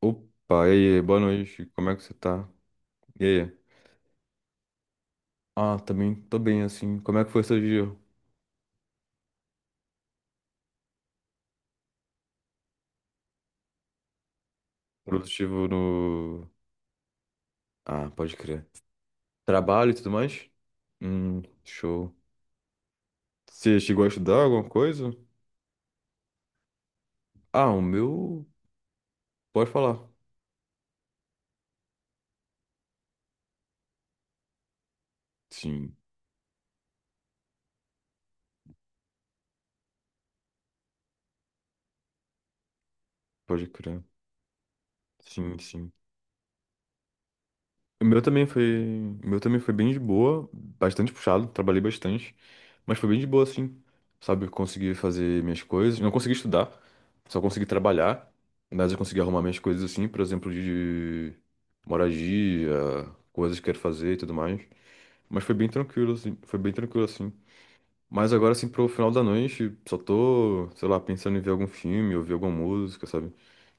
Opa, e aí, boa noite, como é que você tá? E aí? Ah, também tô bem, assim. Como é que foi seu dia? Produtivo no. Ah, pode crer. Trabalho e tudo mais? Show. Você chegou a estudar alguma coisa? Ah, o meu. Pode falar. Sim, pode crer. Sim, sim. O meu também foi. O meu também foi bem de boa, bastante puxado, trabalhei bastante. Mas foi bem de boa, assim. Sabe, eu consegui fazer minhas coisas. Não consegui estudar, só consegui trabalhar. Mas eu consegui arrumar minhas coisas, assim, por exemplo, de moradia, coisas que quero fazer e tudo mais. Mas foi bem tranquilo, assim. Foi bem tranquilo, assim. Mas agora, assim, pro final da noite, só tô, sei lá, pensando em ver algum filme, ouvir alguma música, sabe? O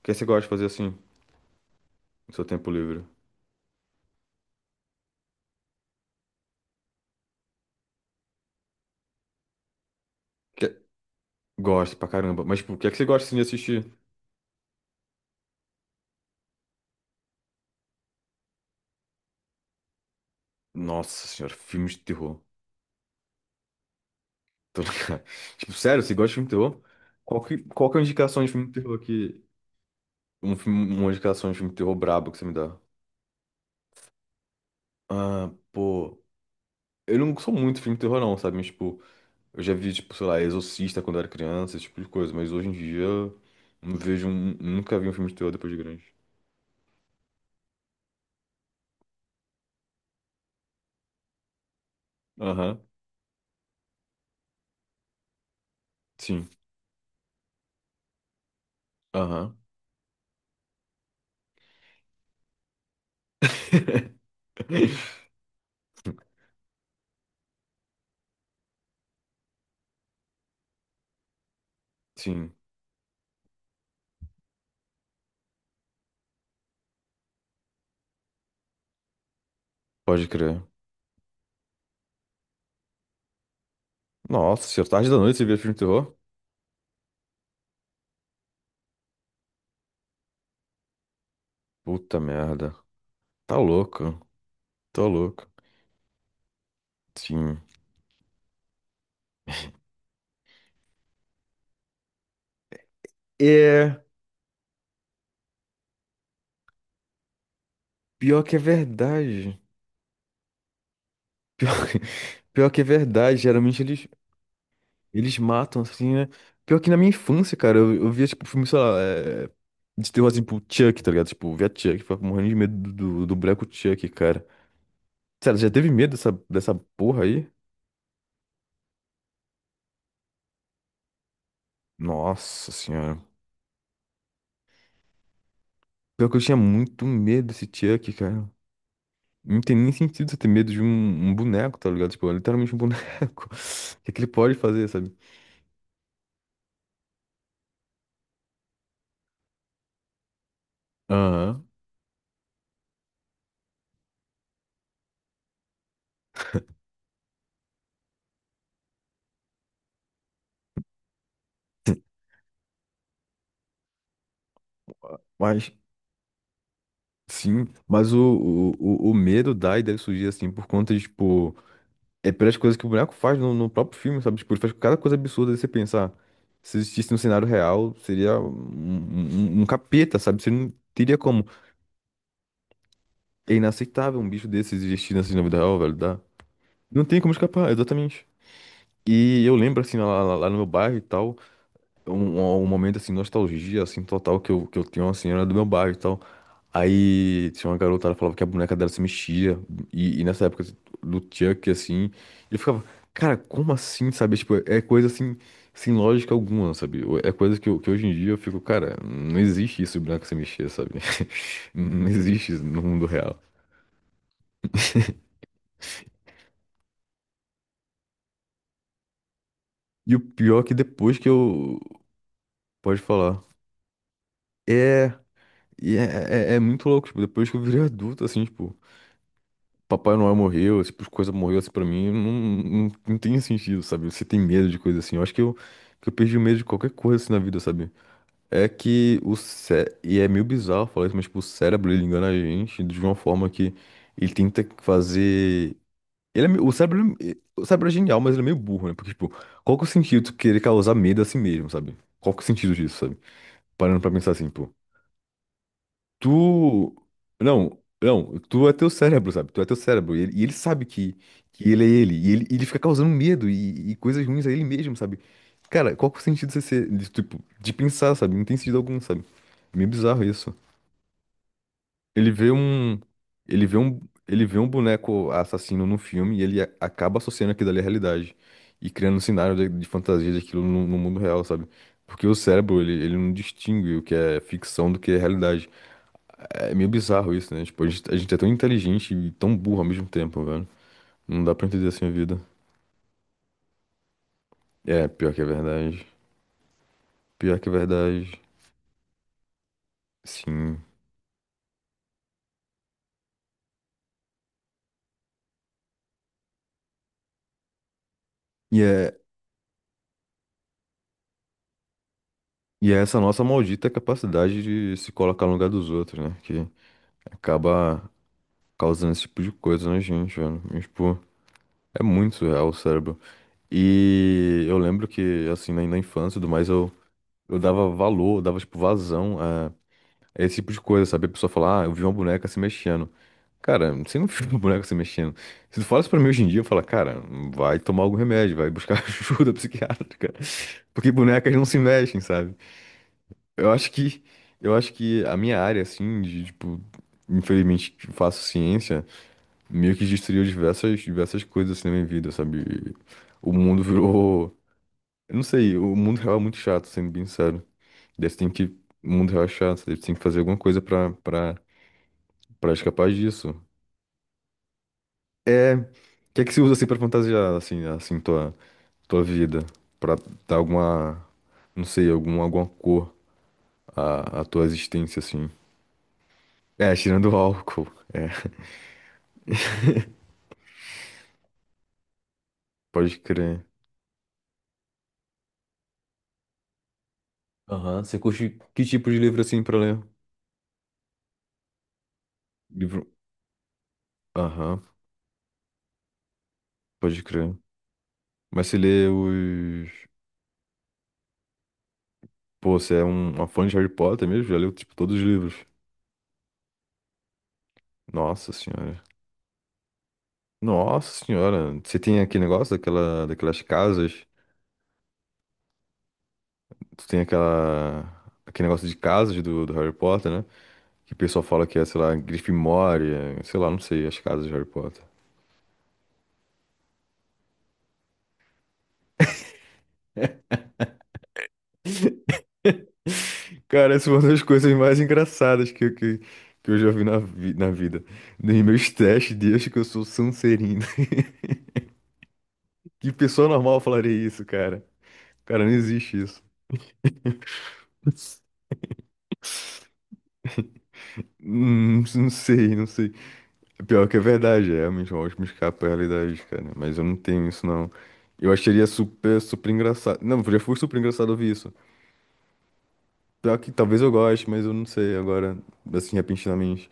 que é que você gosta de fazer, assim, no seu tempo livre? Que... Gosto pra caramba. Mas, tipo, o que é que você gosta, assim, de assistir? Nossa senhora, filmes de terror. Tô ligado. Tipo, sério, você gosta de filme de terror? Qual que é a indicação de filme de terror que. Um filme, uma indicação de filme de terror brabo que você me dá? Ah, pô. Eu não sou muito de filme de terror, não, sabe? Mas, tipo, eu já vi, tipo, sei lá, Exorcista quando eu era criança, esse tipo de coisa. Mas hoje em dia, eu não vejo um, nunca vi um filme de terror depois de grande. Aham, sim. Aham. Sim, pode crer. Nossa, senhora, tarde da noite você vê filme de terror? Puta merda. Tá louco, tá louco. Sim. É. Pior que é verdade. Pior, que- pior que é verdade. Geralmente eles, eles matam, assim, né? Pior que na minha infância, cara, eu via, tipo, filme, sei lá, de terror, assim, tipo, Chuck, tá ligado? Tipo, via Chuck, ficava morrendo de medo do boneco Chuck, cara. Sério, já teve medo dessa, dessa porra aí? Nossa senhora. Pior que eu tinha muito medo desse Chuck, cara. Não tem nem sentido você ter medo de um, um boneco, tá ligado? Tipo, é literalmente um boneco. O que que ele pode fazer, sabe? Aham. Mas. Sim, mas o medo dá e deve surgir assim por conta de, tipo, é pelas coisas que o boneco faz no, no próprio filme, sabe? Tipo, ele faz cada coisa absurda de você pensar. Se existisse no cenário real, seria um capeta, sabe? Você não teria como. É inaceitável um bicho desse existir assim na vida real, velho. Dá. Não tem como escapar, exatamente. E eu lembro, assim, lá no meu bairro e tal. Um momento assim, nostalgia, assim, total, que eu tinha, uma senhora do meu bairro e tal. Aí tinha uma garota, ela falava que a boneca dela se mexia. E nessa época do Chuck, assim, eu ficava, cara, como assim, sabe? Tipo, é coisa assim, sem lógica alguma, sabe? É coisa que, eu- que hoje em dia eu fico, cara, não existe isso, boneca se mexer, sabe? Não existe isso no mundo real. E o pior é que depois que eu. Pode falar. É. É muito louco, tipo, depois que eu virei adulto, assim, tipo. Papai Noel morreu, esse tipo, de coisa morreu assim pra mim, não tem sentido, sabe? Você tem medo de coisa assim. Eu acho que eu perdi o medo de qualquer coisa assim na vida, sabe? E é meio bizarro falar isso, mas tipo, o cérebro, ele engana a gente de uma forma que ele tenta fazer... O cérebro, o cérebro é genial, mas ele é meio burro, né? Porque, tipo, qual que é o sentido de tu querer causar medo a si mesmo, sabe? Qual que é o sentido disso, sabe? Parando pra pensar assim, pô. Tu. Não, não, tu é teu cérebro, sabe? Tu é teu cérebro. E ele sabe que ele é ele. E ele, ele fica causando medo e coisas ruins a ele mesmo, sabe? Cara, qual que é o sentido de ser, de, tipo, de pensar, sabe? Não tem sentido algum, sabe? É meio bizarro isso. Ele vê um. Ele vê um. Ele vê um boneco assassino no filme e ele acaba associando aquilo ali à realidade. E criando um cenário de fantasia daquilo no, no mundo real, sabe? Porque o cérebro, ele não distingue o que é ficção do que é realidade. É meio bizarro isso, né? Tipo, a gente é tão inteligente e tão burro ao mesmo tempo, velho. Não dá pra entender assim a vida. É, pior que é verdade. Pior que é verdade. Sim. E é, e é essa nossa maldita capacidade de se colocar no lugar dos outros, né? Que acaba causando esse tipo de coisa na gente, velho. E, tipo, é muito surreal o cérebro. E eu lembro que, assim, na, na infância e tudo mais, eu dava valor, eu dava, tipo, vazão. É esse tipo de coisa, sabe? A pessoa fala, ah, eu vi uma boneca se mexendo. Cara, você não viu uma boneca se mexendo. Se tu fala isso pra mim hoje em dia, eu falo, cara, vai tomar algum remédio, vai buscar ajuda psiquiátrica. Porque bonecas não se mexem, sabe? Eu acho que, eu acho que a minha área, assim, de, tipo, infelizmente que faço ciência, meio que destruiu diversas, diversas coisas assim na minha vida, sabe? O mundo virou. Eu não sei, o mundo real é muito chato, sendo bem sério. Daí você tem que. O mundo real é chato, daí você tem que fazer alguma coisa pra pra escapar disso. É. O que é que se usa assim pra fantasiar, assim, assim, tua, tua vida? Pra dar alguma. Não sei, alguma cor à, à tua existência, assim. É, tirando o álcool. É, pode crer. Aham. Você curte que tipo de livro assim pra ler? Livro. Aham, pode crer. Mas você lê os. Pô, você é um, uma fã de Harry Potter mesmo? Já leu, tipo, todos os livros. Nossa senhora. Nossa senhora. Você tem aquele negócio daquela, daquelas casas. Tu tem aquela. Aquele negócio de casas do Harry Potter, né? Que o pessoal fala que é, sei lá, Grifinória, sei lá, não sei, as casas de Harry Potter. Cara, essa é uma das coisas mais engraçadas que eu já vi na vida. Nos meus testes, desde que eu sou Sonserino. Que pessoa normal falaria isso, cara? Cara, não existe isso. Não sei, não sei. É pior que é verdade, é realmente uma ótima escapa à realidade, cara. Mas eu não tenho isso, não. Eu acharia super, super engraçado. Não, já foi super engraçado ouvir isso. Pior que talvez eu goste, mas eu não sei agora, assim, repentinamente.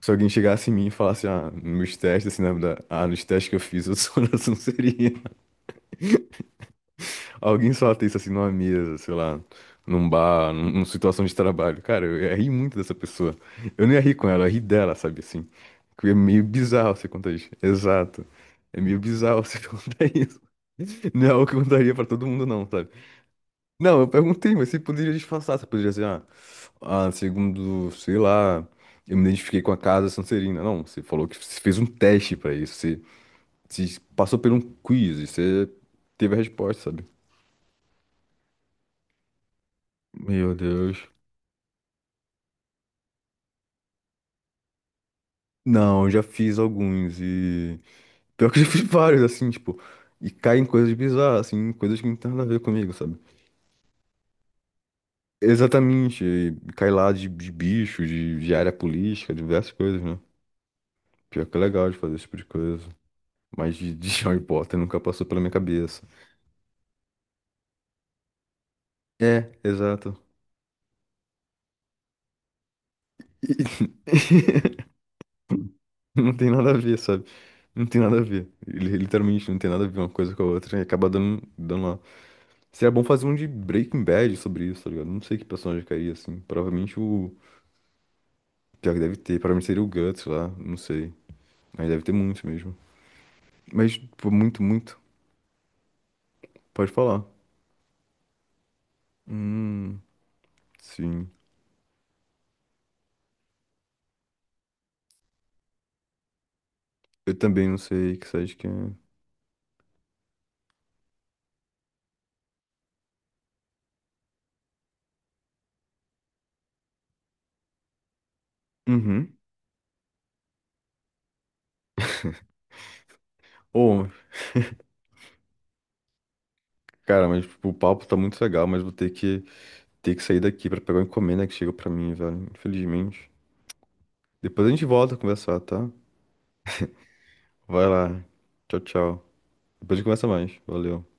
Se alguém chegasse em mim e falasse, ah, nos testes, assim, né, ah, nos testes que eu fiz, eu sou da Sonserina. Alguém solta isso, assim, numa mesa, sei lá, num bar, numa situação de trabalho. Cara, eu ia rir muito dessa pessoa. Eu não ia rir com ela, eu ia rir dela, sabe, assim. Que é meio bizarro você contar isso. Exato. É meio bizarro você contar isso. Não é algo que eu contaria pra todo mundo, não, sabe? Não, eu perguntei, mas você poderia disfarçar, você poderia dizer, ah. Ah, segundo, sei lá, eu me identifiquei com a casa Sonserina. Não, você falou que você fez um teste pra isso. Você, você passou por um quiz e você teve a resposta, sabe? Meu Deus. Não, eu já fiz alguns e. Pior que eu já fiz vários, assim, tipo. E cai em coisas bizarras, assim, coisas que não tem nada a ver comigo, sabe? Exatamente. E cai lá de bicho, de área política, diversas coisas, né? Pior que é legal de fazer esse tipo de coisa. Mas de Harry Potter nunca passou pela minha cabeça. É, exato. Não tem nada a ver, sabe? Não tem nada a ver. Literalmente não tem nada a ver uma coisa com a outra e acaba dando, dando lá. Seria bom fazer um de Breaking Bad sobre isso, tá ligado? Não sei que personagem cairia assim. Provavelmente o. Pior que deve ter. Provavelmente seria o Guts lá. Não sei. Mas deve ter muitos mesmo. Mas, pô, muito, muito. Pode falar. Hum, sim. Eu também não sei que site que é. Uhum. Ô, cara, mas tipo, o papo tá muito legal, mas vou ter que sair daqui pra pegar uma encomenda que chegou pra mim, velho. Infelizmente. Depois a gente volta a conversar, tá? Vai lá. Tchau, tchau. Depois a gente conversa mais. Valeu.